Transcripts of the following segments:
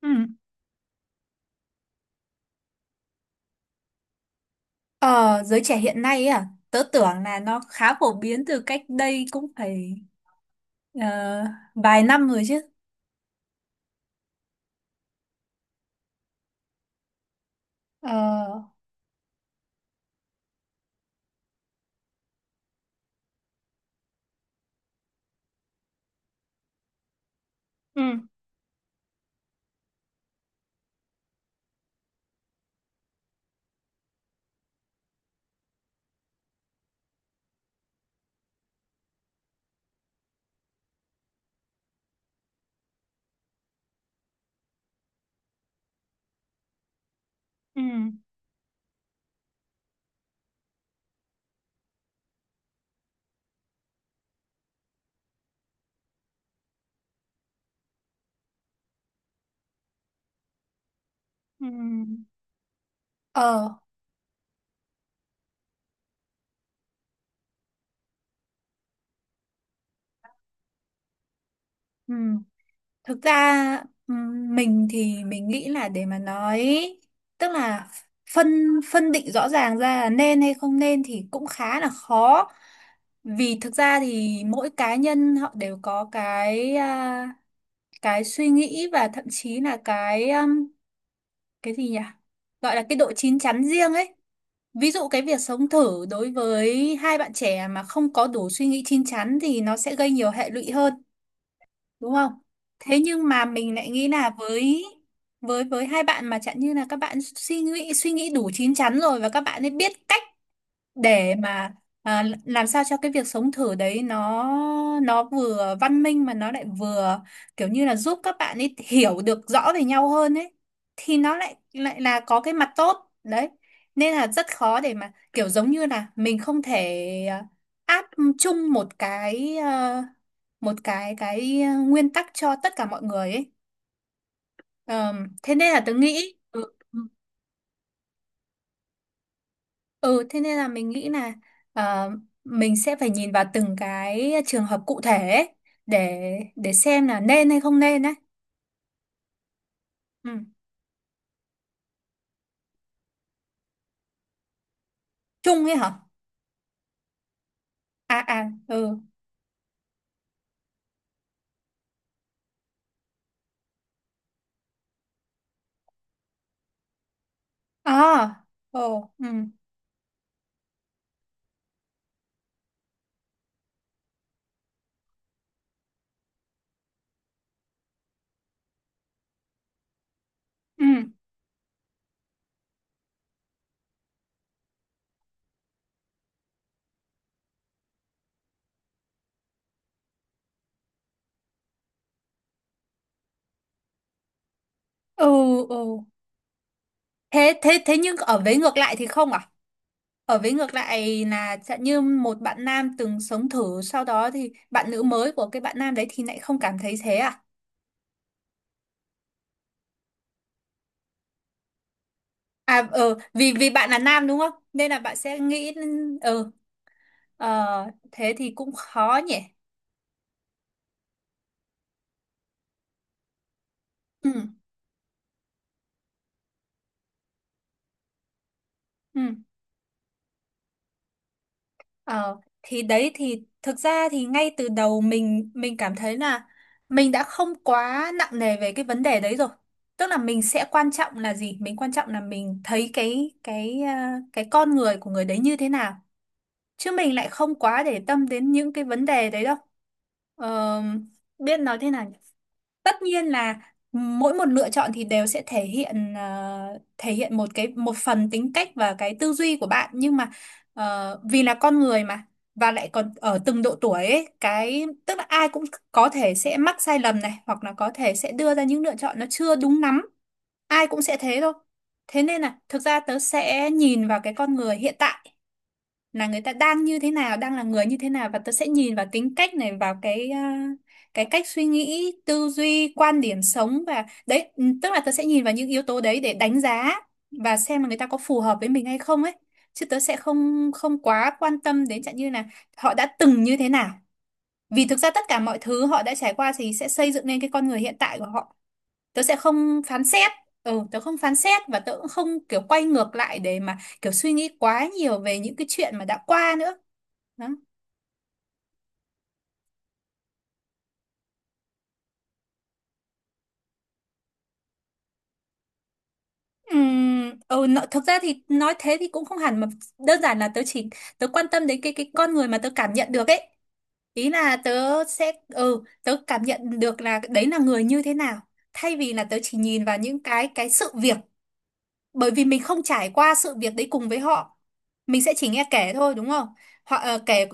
Ừ. Ờ, Giới trẻ hiện nay ấy à, tớ tưởng là nó khá phổ biến từ cách đây cũng phải ờ, vài năm rồi chứ. Ờ, ừ, ừ, ừ. Ờ, ừ. Thực ra ừ, mình thì mình nghĩ là để mà nói, tức là phân phân định rõ ràng ra là nên hay không nên thì cũng khá là khó. Vì thực ra thì mỗi cá nhân họ đều có cái suy nghĩ, và thậm chí là cái gì nhỉ? Gọi là cái độ chín chắn riêng ấy. Ví dụ cái việc sống thử đối với hai bạn trẻ mà không có đủ suy nghĩ chín chắn thì nó sẽ gây nhiều hệ lụy hơn, đúng không? Thế nhưng mà mình lại nghĩ là với với hai bạn mà chẳng như là các bạn suy nghĩ đủ chín chắn rồi, và các bạn ấy biết cách để mà làm sao cho cái việc sống thử đấy nó vừa văn minh mà nó lại vừa kiểu như là giúp các bạn ấy hiểu được rõ về nhau hơn ấy, thì nó lại lại là có cái mặt tốt đấy. Nên là rất khó để mà kiểu giống như là mình không thể áp chung một cái nguyên tắc cho tất cả mọi người ấy. Thế nên là tớ nghĩ. Ừ, Ừ, thế nên là mình nghĩ là ờ, mình sẽ phải nhìn vào từng cái trường hợp cụ thể ấy, để để xem là nên hay không nên đấy. Ừ. Chung ấy hả? À à, ừ. À, ồ, ừ, ừ, ừ, ừ. Thế nhưng ở vế ngược lại thì không à? Ở vế ngược lại là chẳng như một bạn nam từng sống thử sau đó thì bạn nữ mới của cái bạn nam đấy thì lại không cảm thấy thế à? À, ừ, vì vì bạn là nam đúng không? Nên là bạn sẽ nghĩ. Ừ Ờ, thế thì cũng khó nhỉ. Ừ, ừ. Ờ, thì đấy, thì thực ra thì ngay từ đầu mình cảm thấy là mình đã không quá nặng nề về cái vấn đề đấy rồi. Tức là mình sẽ quan trọng là gì? Mình quan trọng là mình thấy cái con người của người đấy như thế nào. Chứ mình lại không quá để tâm đến những cái vấn đề đấy đâu. Ờ, Biết nói thế nào, tất nhiên là mỗi một lựa chọn thì đều sẽ thể hiện một phần tính cách và cái tư duy của bạn. Nhưng mà vì là con người mà, và lại còn ở từng độ tuổi ấy, tức là ai cũng có thể sẽ mắc sai lầm này, hoặc là có thể sẽ đưa ra những lựa chọn nó chưa đúng lắm. Ai cũng sẽ thế thôi. Thế nên là thực ra tớ sẽ nhìn vào cái con người hiện tại, là người ta đang như thế nào, đang là người như thế nào. Và tớ sẽ nhìn vào tính cách này, vào cái cách suy nghĩ, tư duy, quan điểm sống, và đấy, tức là tớ sẽ nhìn vào những yếu tố đấy để đánh giá và xem là người ta có phù hợp với mình hay không ấy. Chứ tớ sẽ không không quá quan tâm đến chẳng như là họ đã từng như thế nào. Vì thực ra tất cả mọi thứ họ đã trải qua thì sẽ xây dựng nên cái con người hiện tại của họ. Tớ sẽ không phán xét. Tớ không phán xét, và tớ cũng không kiểu quay ngược lại để mà kiểu suy nghĩ quá nhiều về những cái chuyện mà đã qua nữa. Đó. Thực ra thì nói thế thì cũng không hẳn, mà đơn giản là tớ chỉ quan tâm đến cái con người mà tớ cảm nhận được ấy. Ý là tớ sẽ ừ tớ cảm nhận được là đấy là người như thế nào. Thay vì là tớ chỉ nhìn vào những cái sự việc. Bởi vì mình không trải qua sự việc đấy cùng với họ, mình sẽ chỉ nghe kể thôi đúng không. Họ kể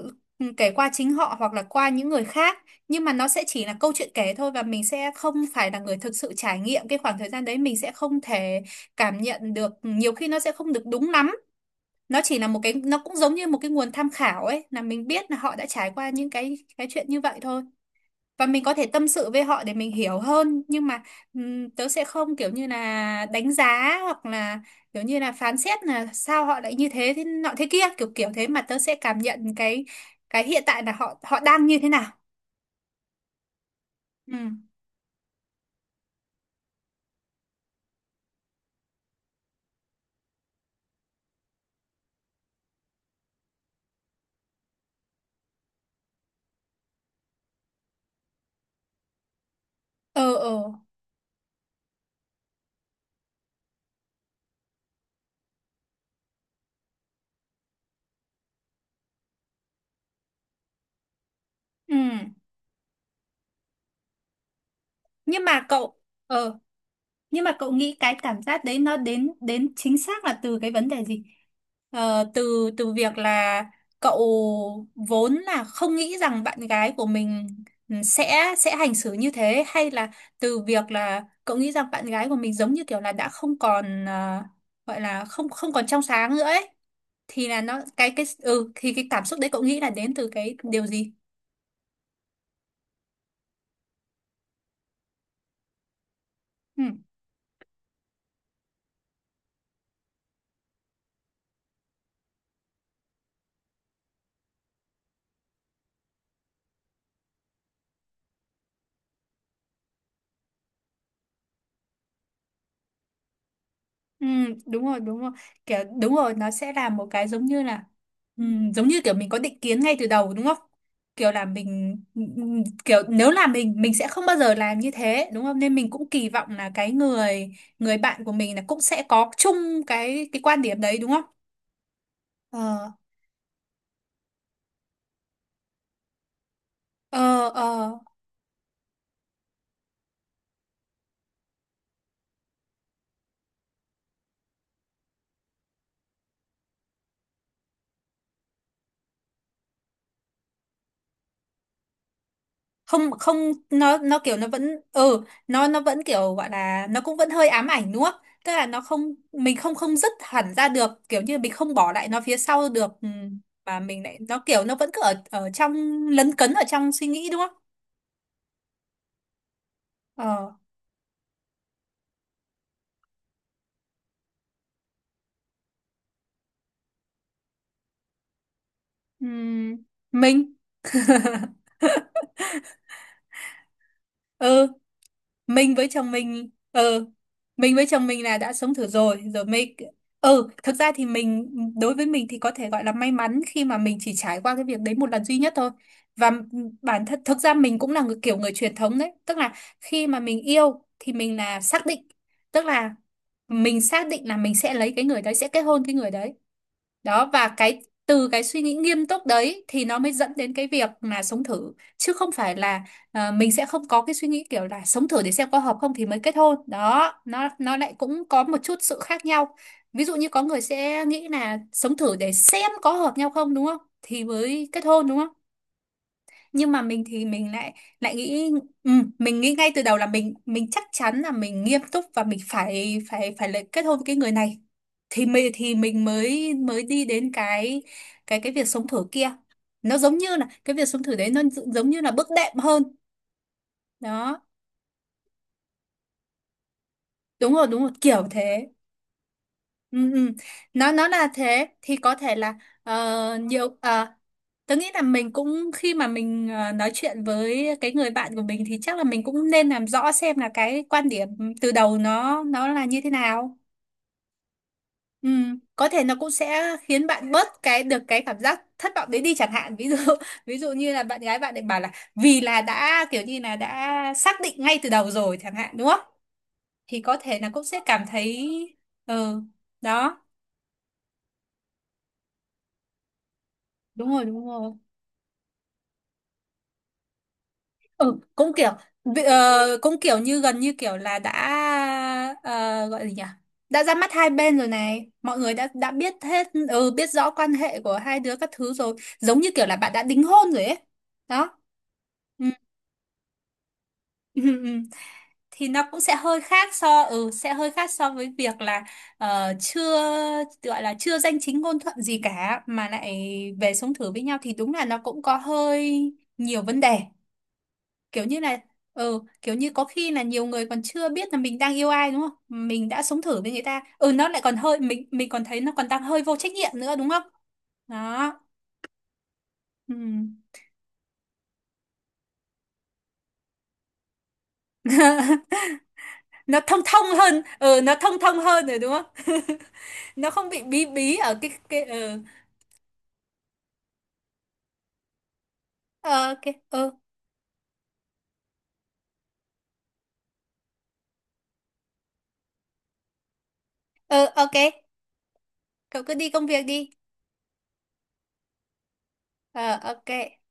kể qua chính họ hoặc là qua những người khác. Nhưng mà nó sẽ chỉ là câu chuyện kể thôi, và mình sẽ không phải là người thực sự trải nghiệm cái khoảng thời gian đấy. Mình sẽ không thể cảm nhận được, nhiều khi nó sẽ không được đúng lắm. Nó chỉ là một cái, nó cũng giống như một cái nguồn tham khảo ấy, là mình biết là họ đã trải qua những cái chuyện như vậy thôi. Và mình có thể tâm sự với họ để mình hiểu hơn, nhưng mà tớ sẽ không kiểu như là đánh giá, hoặc là kiểu như là phán xét là sao họ lại như thế, thế nọ thế kia, kiểu kiểu thế. Mà tớ sẽ cảm nhận cái hiện tại là họ họ đang như thế nào. Ừ. ờ ờ ừ. nhưng mà cậu ờ Nhưng mà cậu nghĩ cái cảm giác đấy nó đến đến chính xác là từ cái vấn đề gì? Ờ, từ từ việc là cậu vốn là không nghĩ rằng bạn gái của mình, sẽ hành xử như thế, hay là từ việc là cậu nghĩ rằng bạn gái của mình giống như kiểu là đã không còn, gọi là không không còn trong sáng nữa ấy, thì là nó cái ừ thì cái cảm xúc đấy cậu nghĩ là đến từ cái điều gì? Ừ. Ừ, đúng rồi đúng rồi, kiểu đúng rồi, nó sẽ là một cái, giống ừ, giống như kiểu mình có định kiến ngay từ đầu đúng không, kiểu là mình kiểu nếu là mình sẽ không bao giờ làm như thế đúng không, nên mình cũng kỳ vọng là cái người người bạn của mình là cũng sẽ có chung cái quan điểm đấy đúng không. ờ ờ ờ Không, không, nó kiểu nó vẫn kiểu gọi là nó cũng vẫn hơi ám ảnh đúng không. Tức là nó không, mình không không dứt hẳn ra được, kiểu như mình không bỏ lại nó phía sau được. Ừ, mà mình lại nó kiểu nó vẫn cứ ở ở trong, lấn cấn ở trong suy nghĩ đúng không. Ờ ừm, mình ừ mình với chồng mình là đã sống thử rồi rồi mới. Thực ra thì mình, đối với mình thì có thể gọi là may mắn khi mà mình chỉ trải qua cái việc đấy một lần duy nhất thôi. Và bản thân thực ra mình cũng là người kiểu người truyền thống đấy. Tức là khi mà mình yêu thì mình là xác định, tức là mình xác định là mình sẽ lấy cái người đấy, sẽ kết hôn cái người đấy. Đó, và cái, từ cái suy nghĩ nghiêm túc đấy thì nó mới dẫn đến cái việc là sống thử. Chứ không phải là mình sẽ không có cái suy nghĩ kiểu là sống thử để xem có hợp không thì mới kết hôn. Đó nó lại cũng có một chút sự khác nhau. Ví dụ như có người sẽ nghĩ là sống thử để xem có hợp nhau không đúng không thì mới kết hôn đúng không. Nhưng mà mình thì mình lại lại nghĩ, ừ, mình nghĩ ngay từ đầu là mình chắc chắn là mình nghiêm túc và mình phải phải phải lại kết hôn với cái người này, thì mình mới mới đi đến cái việc sống thử kia. Nó giống như là cái việc sống thử đấy nó giống như là bước đệm hơn. Đó. Đúng rồi đúng rồi, kiểu thế. Ừ, ừ. Nó là thế thì có thể là nhiều, tớ nghĩ là mình cũng khi mà mình nói chuyện với cái người bạn của mình thì chắc là mình cũng nên làm rõ xem là cái quan điểm từ đầu nó là như thế nào. Ừ. Có thể nó cũng sẽ khiến bạn bớt cái được cái cảm giác thất vọng đấy đi chẳng hạn, ví dụ. Ví dụ như là bạn gái bạn ấy bảo là vì là đã kiểu như là đã xác định ngay từ đầu rồi chẳng hạn đúng không, thì có thể là cũng sẽ cảm thấy. Ừ. Đó. Đúng rồi, đúng rồi. Ừ, cũng kiểu như gần như kiểu là đã ờ, gọi gì nhỉ. Đã ra mắt hai bên rồi này, mọi người đã biết hết, biết rõ quan hệ của hai đứa các thứ rồi. Giống như kiểu là bạn đã đính hôn rồi ấy. Đó. Ừ. Ừ, ừ. Thì nó cũng sẽ hơi khác so với việc là chưa, gọi là chưa danh chính ngôn thuận gì cả mà lại về sống thử với nhau, thì đúng là nó cũng có hơi nhiều vấn đề. Kiểu như là, kiểu như có khi là nhiều người còn chưa biết là mình đang yêu ai đúng không, mình đã sống thử với người ta. Ừ nó lại còn hơi, mình còn thấy nó còn đang hơi vô trách nhiệm nữa đúng không. Đó. Ừ. Nó thông thông hơn rồi đúng không. Nó không bị bí bí ở cái. Ờ, ok, ừ, ừ, ok, cậu cứ đi công việc đi. Ờ, ok.